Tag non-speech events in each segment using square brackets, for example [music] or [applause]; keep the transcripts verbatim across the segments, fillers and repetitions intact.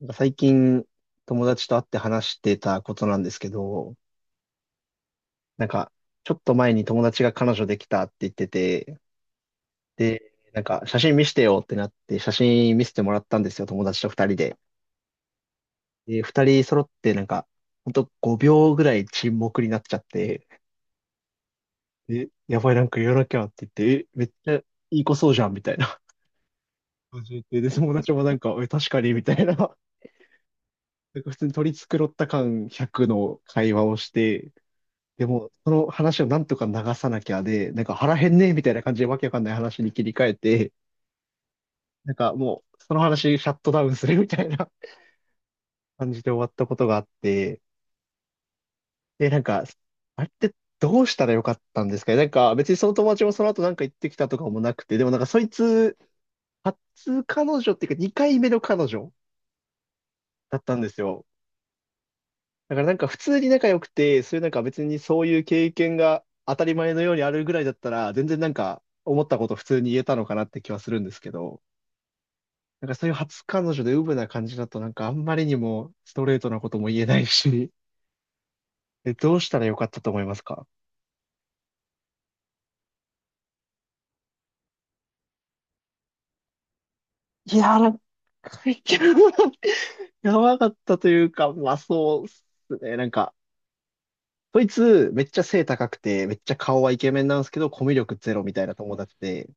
なんか最近友達と会って話してたことなんですけど、なんかちょっと前に友達が彼女できたって言ってて、で、なんか写真見せてよってなって写真見せてもらったんですよ、友達と二人で。で、二人揃ってなんか、ほんとごびょうぐらい沈黙になっちゃって、え、やばい、なんか言わなきゃって言って、え、めっちゃいい子そうじゃんみたいな感じで、で、友達もなんか、え、確かにみたいな、なんか普通に取り繕った感ひゃくの会話をして、でも、その話をなんとか流さなきゃで、なんか腹減んねえみたいな感じでわけわかんない話に切り替えて、なんかもう、その話シャットダウンするみたいな [laughs] 感じで終わったことがあって、で、なんか、あれってどうしたらよかったんですかね。なんか、別にその友達もその後なんか行ってきたとかもなくて、でもなんかそいつ、初彼女っていうかにかいめの彼女だったんですよ。だからなんか普通に仲良くて、そういうなんか別にそういう経験が当たり前のようにあるぐらいだったら、全然なんか思ったこと普通に言えたのかなって気はするんですけど、なんかそういう初彼女でウブな感じだとなんかあんまりにもストレートなことも言えないし、え、どうしたらよかったと思いますか？いやー、なんか、[laughs] いや、やばかったというか、まあそうっすね。なんか、そいつめっちゃ背高くて、めっちゃ顔はイケメンなんですけど、コミュ力ゼロみたいな友達で、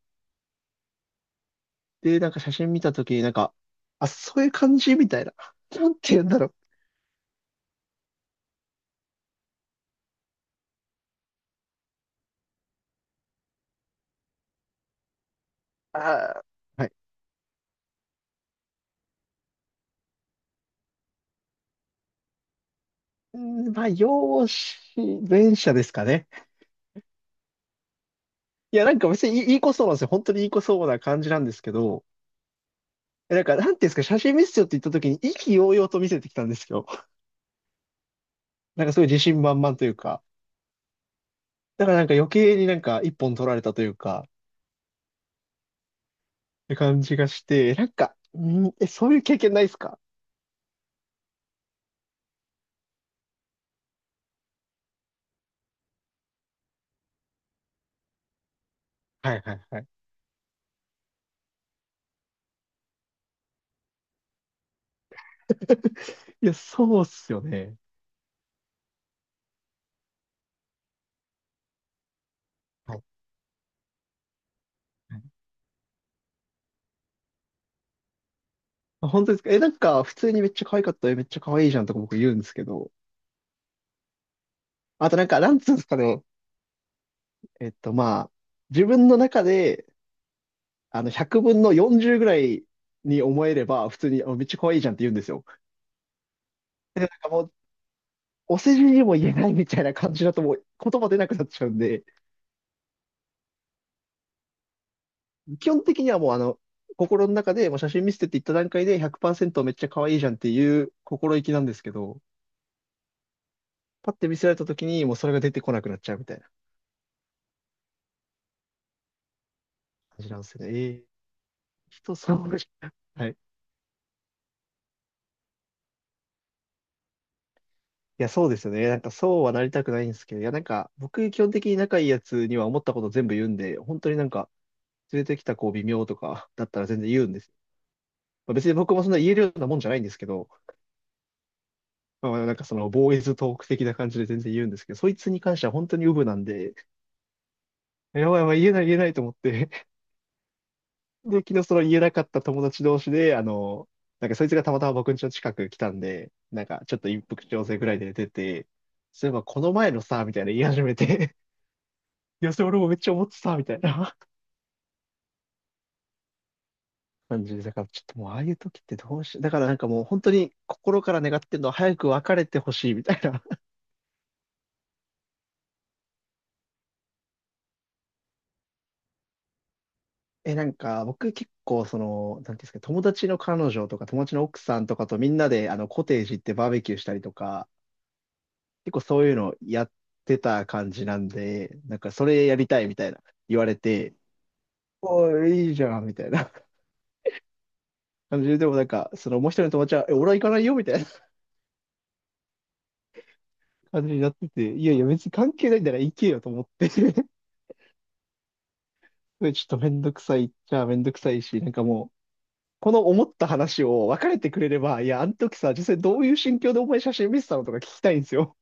で、なんか写真見たときになんか、あ、そういう感じみたいな。なんて言うんだろう。あー、はい。うーん、まあ、容姿、前者ですかね。いや、なんか別にいい、いい子そうなんですよ。本当にいい子そうな感じなんですけど、え、なんか、なんていうんですか、写真見せてよって言ったときに意気揚々と見せてきたんですよ。なんかそういう自信満々というか。だからなんか余計になんか一本取られたというか、って感じがして、なんか、うん、え、そういう経験ないですか？はいはいはい。[laughs] いや、そうっすよね。はい。あ、本当ですか？え、なんか、普通にめっちゃ可愛かったよ。めっちゃ可愛いじゃんとか僕言うんですけど。あとなんか、なんつうんですかね。えっと、まあ、自分の中で、あの、ひゃくぶんのよんじゅうぐらいに思えれば、普通に、あ、めっちゃ可愛いじゃんって言うんですよ。で、なんかもう、お世辞にも言えないみたいな感じだともう言葉出なくなっちゃうんで、基本的にはもうあの、心の中でもう写真見せてって言った段階でひゃくパーセントめっちゃ可愛いじゃんっていう心意気なんですけど、パッて見せられた時にもうそれが出てこなくなっちゃうみたいな感じなんですよね。えー、人それぞれ、[laughs] はい。いや、そうですよね。なんかそうはなりたくないんですけど、いや、なんか僕基本的に仲いいやつには思ったこと全部言うんで、本当になんか連れてきた子微妙とか [laughs] だったら全然言うんです。まあ、別に僕もそんな言えるようなもんじゃないんですけど、まあ、まあなんかそのボーイズトーク的な感じで全然言うんですけど、そいつに関しては本当にウブなんで、やばいやばい言えない言えないと思って、[laughs] で、昨日その言えなかった友達同士で、あの、なんかそいつがたまたま僕ん家の近く来たんで、なんかちょっと一服調整ぐらいで出て、そういえばこの前のさ、みたいな言い始めて、いや、それ俺もめっちゃ思ってた、みたいな [laughs]。感じで、だからちょっともうああいう時ってどうし、だからなんかもう本当に心から願ってるのは早く別れてほしいみたいな [laughs]。え、なんか僕結構その、なんていうんですか、友達の彼女とか友達の奥さんとかとみんなであのコテージ行ってバーベキューしたりとか、結構そういうのやってた感じなんで、なんかそれやりたいみたいな言われて、おい、いいじゃんみたいな感じで、でもなんかそのもう一人の友達は、え、俺は行かないよみたいな感じになってて、いやいや別に関係ないんだから行けよと思って、それちょっとめんどくさいっちゃめんどくさいし、なんかもう、この思った話を別れてくれれば、いや、あの時さ、実際どういう心境でお前写真見せたのとか聞きたいんですよ。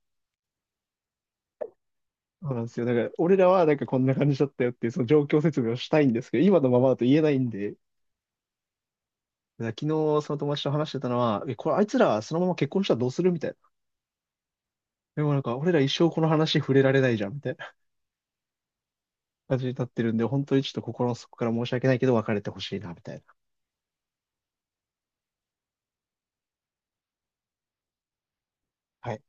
そうなんですよ。だから、俺らはなんかこんな感じだったよっていう、その状況説明をしたいんですけど、今のままだと言えないんで、だから昨日その友達と話してたのは、え、これあいつらそのまま結婚したらどうするみたいな。でもなんか、俺ら一生この話触れられないじゃん、みたいな感じになってるんで、本当にちょっと心の底から申し訳ないけど、別れてほしいな、みたいな。はい。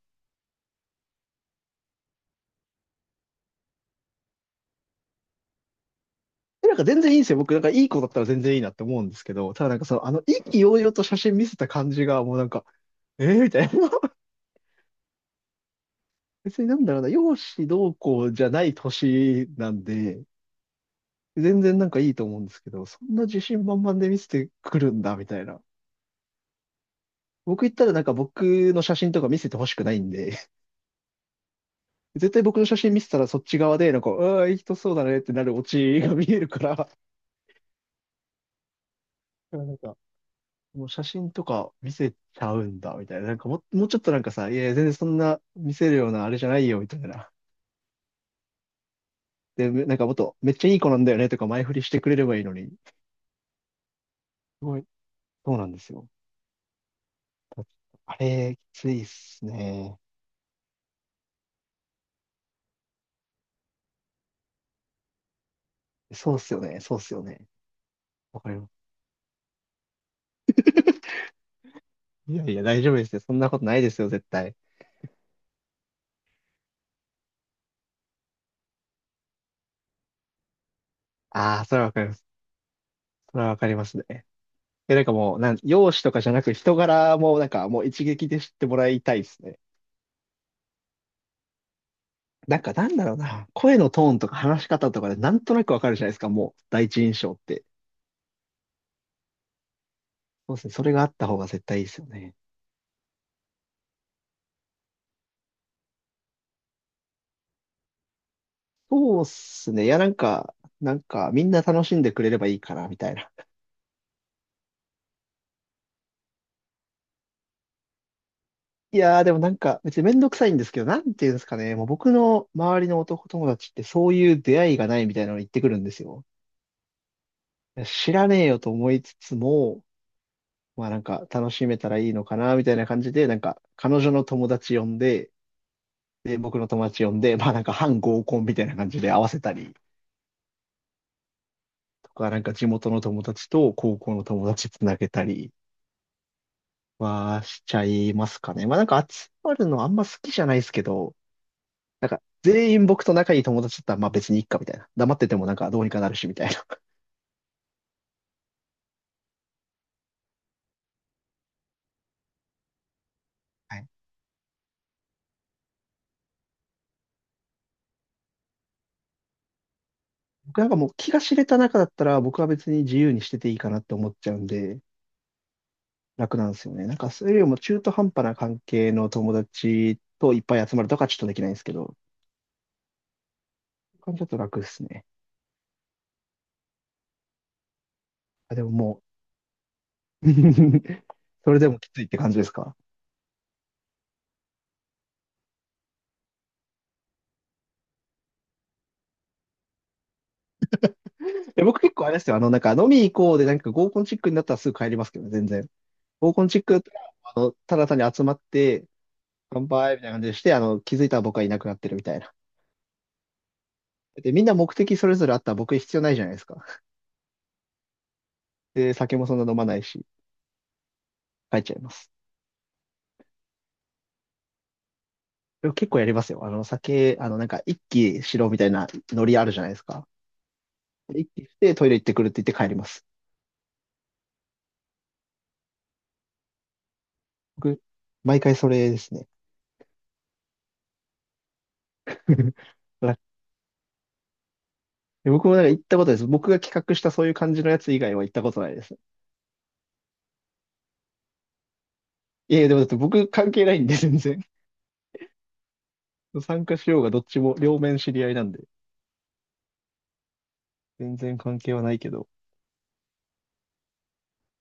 え、なんか全然いいんですよ。僕、なんかいい子だったら全然いいなって思うんですけど、ただなんかその、あの、意気揚々と写真見せた感じが、もうなんか、えー、みたいな。[laughs] 別になんだろうな、容姿どうこうじゃない年なんで、全然なんかいいと思うんですけど、そんな自信満々で見せてくるんだ、みたいな。僕言ったらなんか僕の写真とか見せてほしくないんで、[laughs] 絶対僕の写真見せたらそっち側で、なんか、ああー、いい人そうだねってなるオチが見えるから、[laughs] なんか、もう写真とか見せちゃうんだ、みたいな。なんかも、もうちょっとなんかさ、いやいや、全然そんな見せるようなあれじゃないよ、みたいな。で、め、なんかもっと、めっちゃいい子なんだよね、とか前振りしてくれればいいのに。すごい、そうなんですよ。あれ、きついっすね。そうっすよね、そうっすよね。わかります。いやいや、大丈夫ですよ。そんなことないですよ、絶対。ああ、それはわかります。それはわかりますね。え、なんかもう、なん、容姿とかじゃなく、人柄も、なんかもう一撃で知ってもらいたいっすね。なんかなんだろうな、声のトーンとか話し方とかでなんとなくわかるじゃないですか、もう第一印象って。そうですね、それがあった方が絶対いいですよね。そうっすね、いやなんか、なんかみんな楽しんでくれればいいかな、みたいな。いやーでもなんか別にめんどくさいんですけど、なんていうんですかね、もう僕の周りの男友達ってそういう出会いがないみたいなの言ってくるんですよ。いや知らねえよと思いつつも、まあなんか楽しめたらいいのかな、みたいな感じで、なんか彼女の友達呼んで、で、僕の友達呼んで、[laughs] まあなんか半合コンみたいな感じで合わせたりとか、なんか地元の友達と高校の友達つなげたりはしちゃいますかね。まあなんか集まるのあんま好きじゃないですけど、なんか全員僕と仲いい友達だったらまあ別にいっかみたいな。黙っててもなんかどうにかなるしみたいな。[laughs] はい。僕なんかもう気が知れた中だったら僕は別に自由にしてていいかなって思っちゃうんで楽なんですよね。なんかそれよりも中途半端な関係の友達といっぱい集まるとかちょっとできないんですけど、感じだと楽ですね。あ、でもも [laughs] それでもきついって感じですか？え、僕結構あれですよ。あの、なんか飲み行こうで、なんか合コンチックになったらすぐ帰りますけどね、全然。合コンチックだったら、あの、ただ単に集まって、乾杯みたいな感じでして、あの、気づいたら僕はいなくなってるみたいな。で、みんな目的それぞれあったら僕必要ないじゃないですか。で、酒もそんな飲まないし、帰っちゃいます。でも結構やりますよ。あの、酒、あの、なんか一気しろみたいなノリあるじゃないですか。一気してトイレ行ってくるって言って帰ります。僕、毎回それですね。[laughs] で僕もなんか行ったことないです。僕が企画したそういう感じのやつ以外は行ったことないです。いやいや、でもだって僕関係ないんで、全然。参加しようがどっちも両面知り合いなんで、全然関係はないけど。